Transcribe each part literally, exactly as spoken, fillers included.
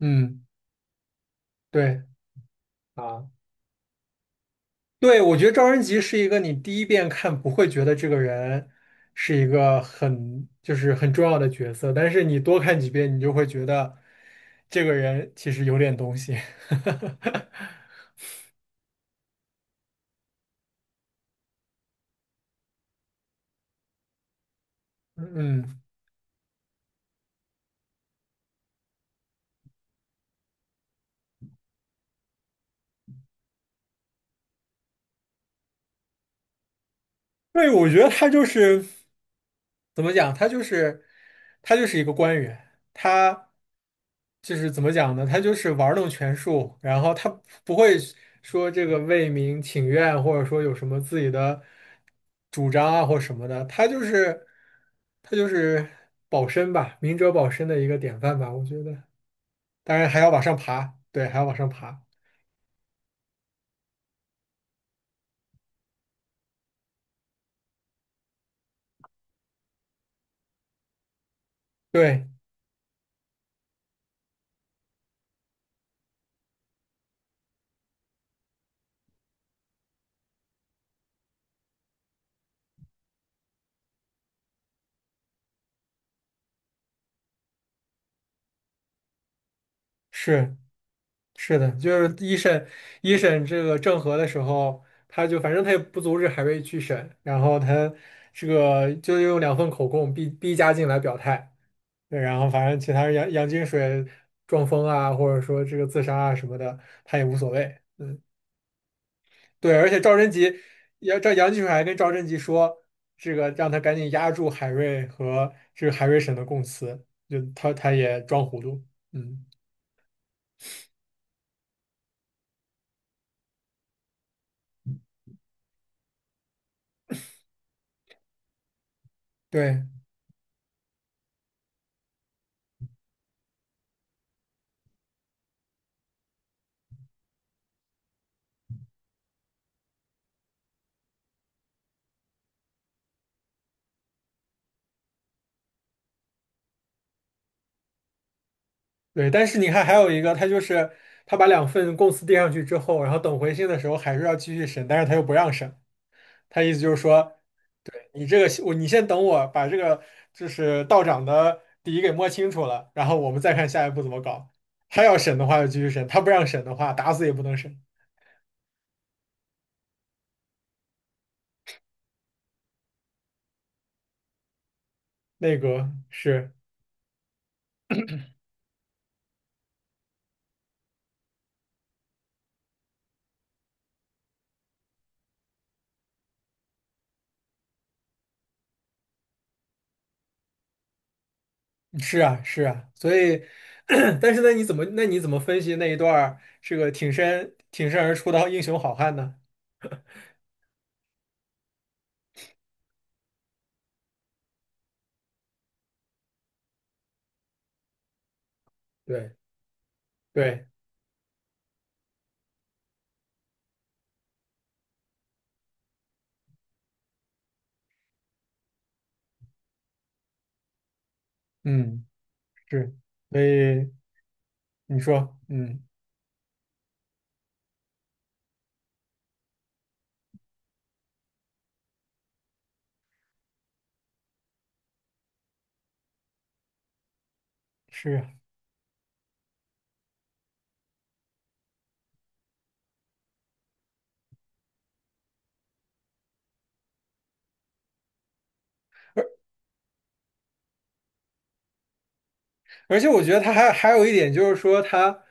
嗯，对啊，对，我觉得赵仁吉是一个你第一遍看不会觉得这个人是一个很就是很重要的角色，但是你多看几遍，你就会觉得这个人其实有点东西。嗯。对，我觉得他就是怎么讲，他就是他就是一个官员，他就是怎么讲呢？他就是玩弄权术，然后他不会说这个为民请愿，或者说有什么自己的主张啊或什么的，他就是他就是保身吧，明哲保身的一个典范吧，我觉得。当然还要往上爬，对，还要往上爬，对，是。是的，就是一审一审这个郑和的时候，他就反正他也不阻止海瑞去审，然后他这个就用两份口供逼逼嘉靖来表态，对，然后反正其他人杨杨金水撞疯啊，或者说这个自杀啊什么的，他也无所谓。对，而且赵贞吉杨赵杨金水还跟赵贞吉说，这个让他赶紧压住海瑞和这个海瑞审的供词，就他他也装糊涂，嗯。对，对，但是你看，还有一个，他就是他把两份供词递上去之后，然后等回信的时候还是要继续审，但是他又不让审，他意思就是说，你这个我你先等我把这个就是道长的底给摸清楚了，然后我们再看下一步怎么搞。他要审的话就继续审，他不让审的话打死也不能审。那个是是啊是啊，所以 但是那你怎么那你怎么分析那一段儿这个挺身挺身而出的英雄好汉呢？对对，嗯。是，所以你说，嗯，是啊，而而且我觉得他还还有一点就是说他，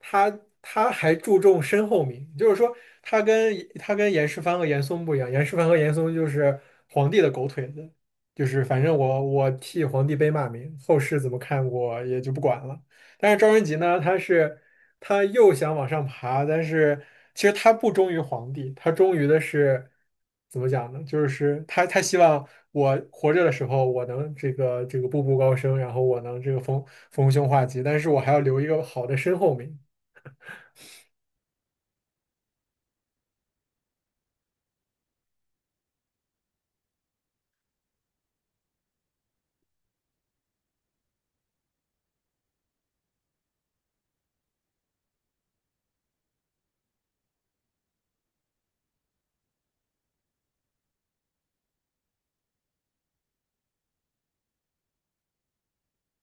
他他还注重身后名，就是说他跟他跟严世蕃和严嵩不一样，严世蕃和严嵩就是皇帝的狗腿子，就是反正我我替皇帝背骂名，后世怎么看我也就不管了。但是赵云吉呢，他是他又想往上爬，但是其实他不忠于皇帝，他忠于的是怎么讲呢？就是他他希望我活着的时候，我能这个这个步步高升，然后我能这个逢逢凶化吉，但是我还要留一个好的身后名。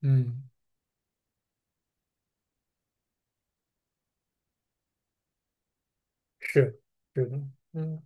嗯，是是的，嗯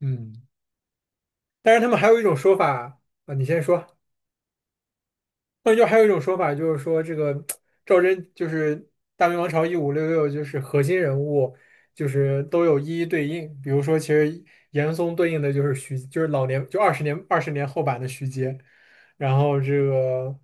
嗯。但是他们还有一种说法啊，你先说。那就还有一种说法，就是说这个赵祯就是大明王朝一五六六，就是核心人物，就是都有一一对应。比如说，其实严嵩对应的就是徐，就是老年，就二十年二十年后版的徐阶。然后这个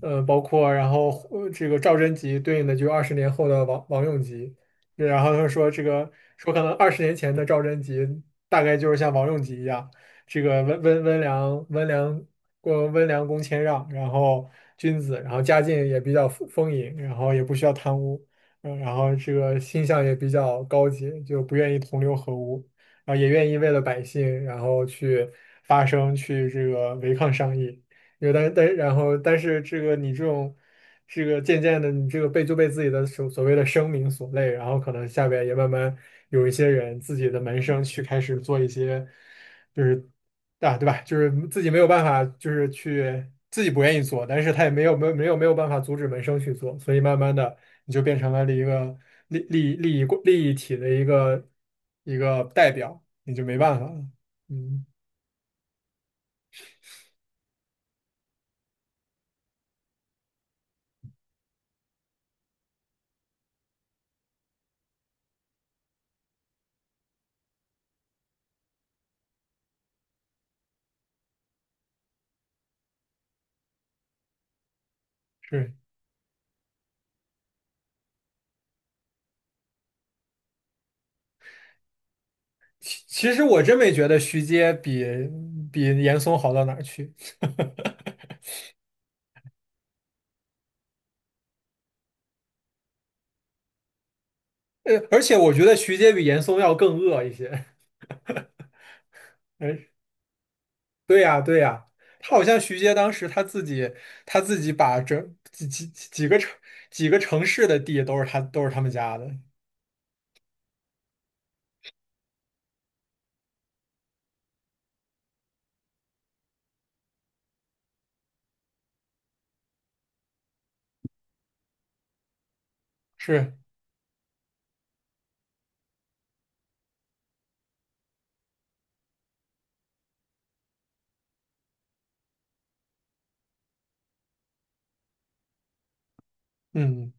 呃，包括然后呃这个赵贞吉对应的就是二十年后的王王永吉。然后他说这个说可能二十年前的赵贞吉大概就是像王永吉一样，这个温温温良温良过温良恭谦让，然后君子，然后家境也比较丰丰盈，然后也不需要贪污，嗯，然后这个心向也比较高级，就不愿意同流合污，然后也愿意为了百姓，然后去发声，去这个违抗上意。有为但但然后但是这个你这种这个渐渐的，你这个被就被自己的所所谓的声名所累，然后可能下边也慢慢有一些人自己的门生去开始做一些。就是。啊，对吧？就是自己没有办法，就是去自己不愿意做，但是他也没有没有没有没有办法阻止门生去做，所以慢慢的你就变成了一个利利利益利益体的一个一个代表，你就没办法了。嗯，是，其其实我真没觉得徐阶比比严嵩好到哪儿去，呃，而且我觉得徐阶比严嵩要更恶一些。对呀，对呀，他好像徐阶当时他自己他自己把整几几几个城几个城市的地都是他都是他们家的，是，嗯，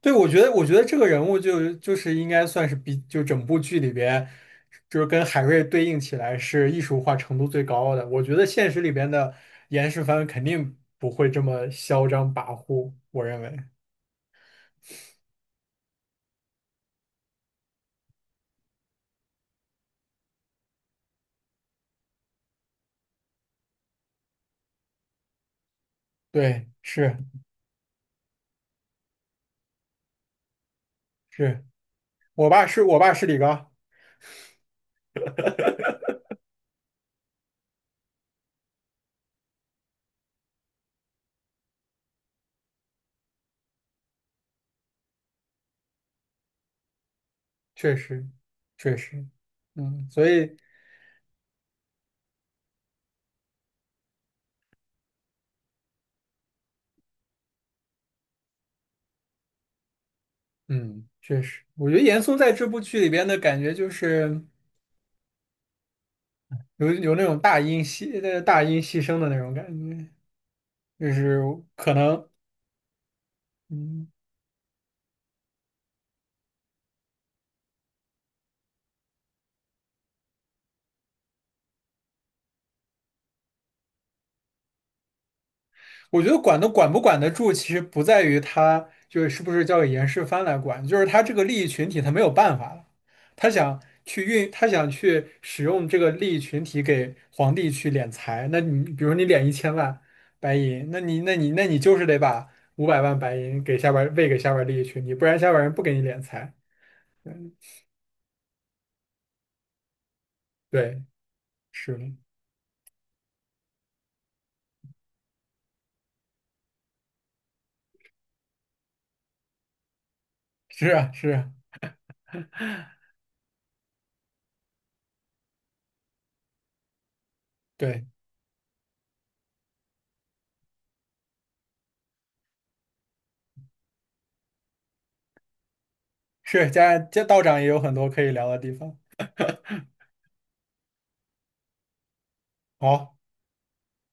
对，我觉得我觉得这个人物就就是应该算是比就整部剧里边，就是跟海瑞对应起来是艺术化程度最高的。我觉得现实里边的严世蕃肯定不会这么嚣张跋扈，我认为，对，是是，我爸是我爸是李刚。确实，确实，嗯，所以，嗯，确实，我觉得严嵩在这部剧里边的感觉就是有有那种大音牺呃大音牺牲的那种感觉，就是可能，嗯，我觉得管都管不管得住，其实不在于他就是是不是交给严世蕃来管，就是他这个利益群体他没有办法了，他想去运，他想去使用这个利益群体给皇帝去敛财。那你比如你敛一千万白银，那你那你那你就是得把五百万白银给下边儿喂给下边儿利益群体，不然下边儿人不给你敛财。嗯，对，是的，是啊，是啊，对，是家家道长也有很多可以聊的地方。好。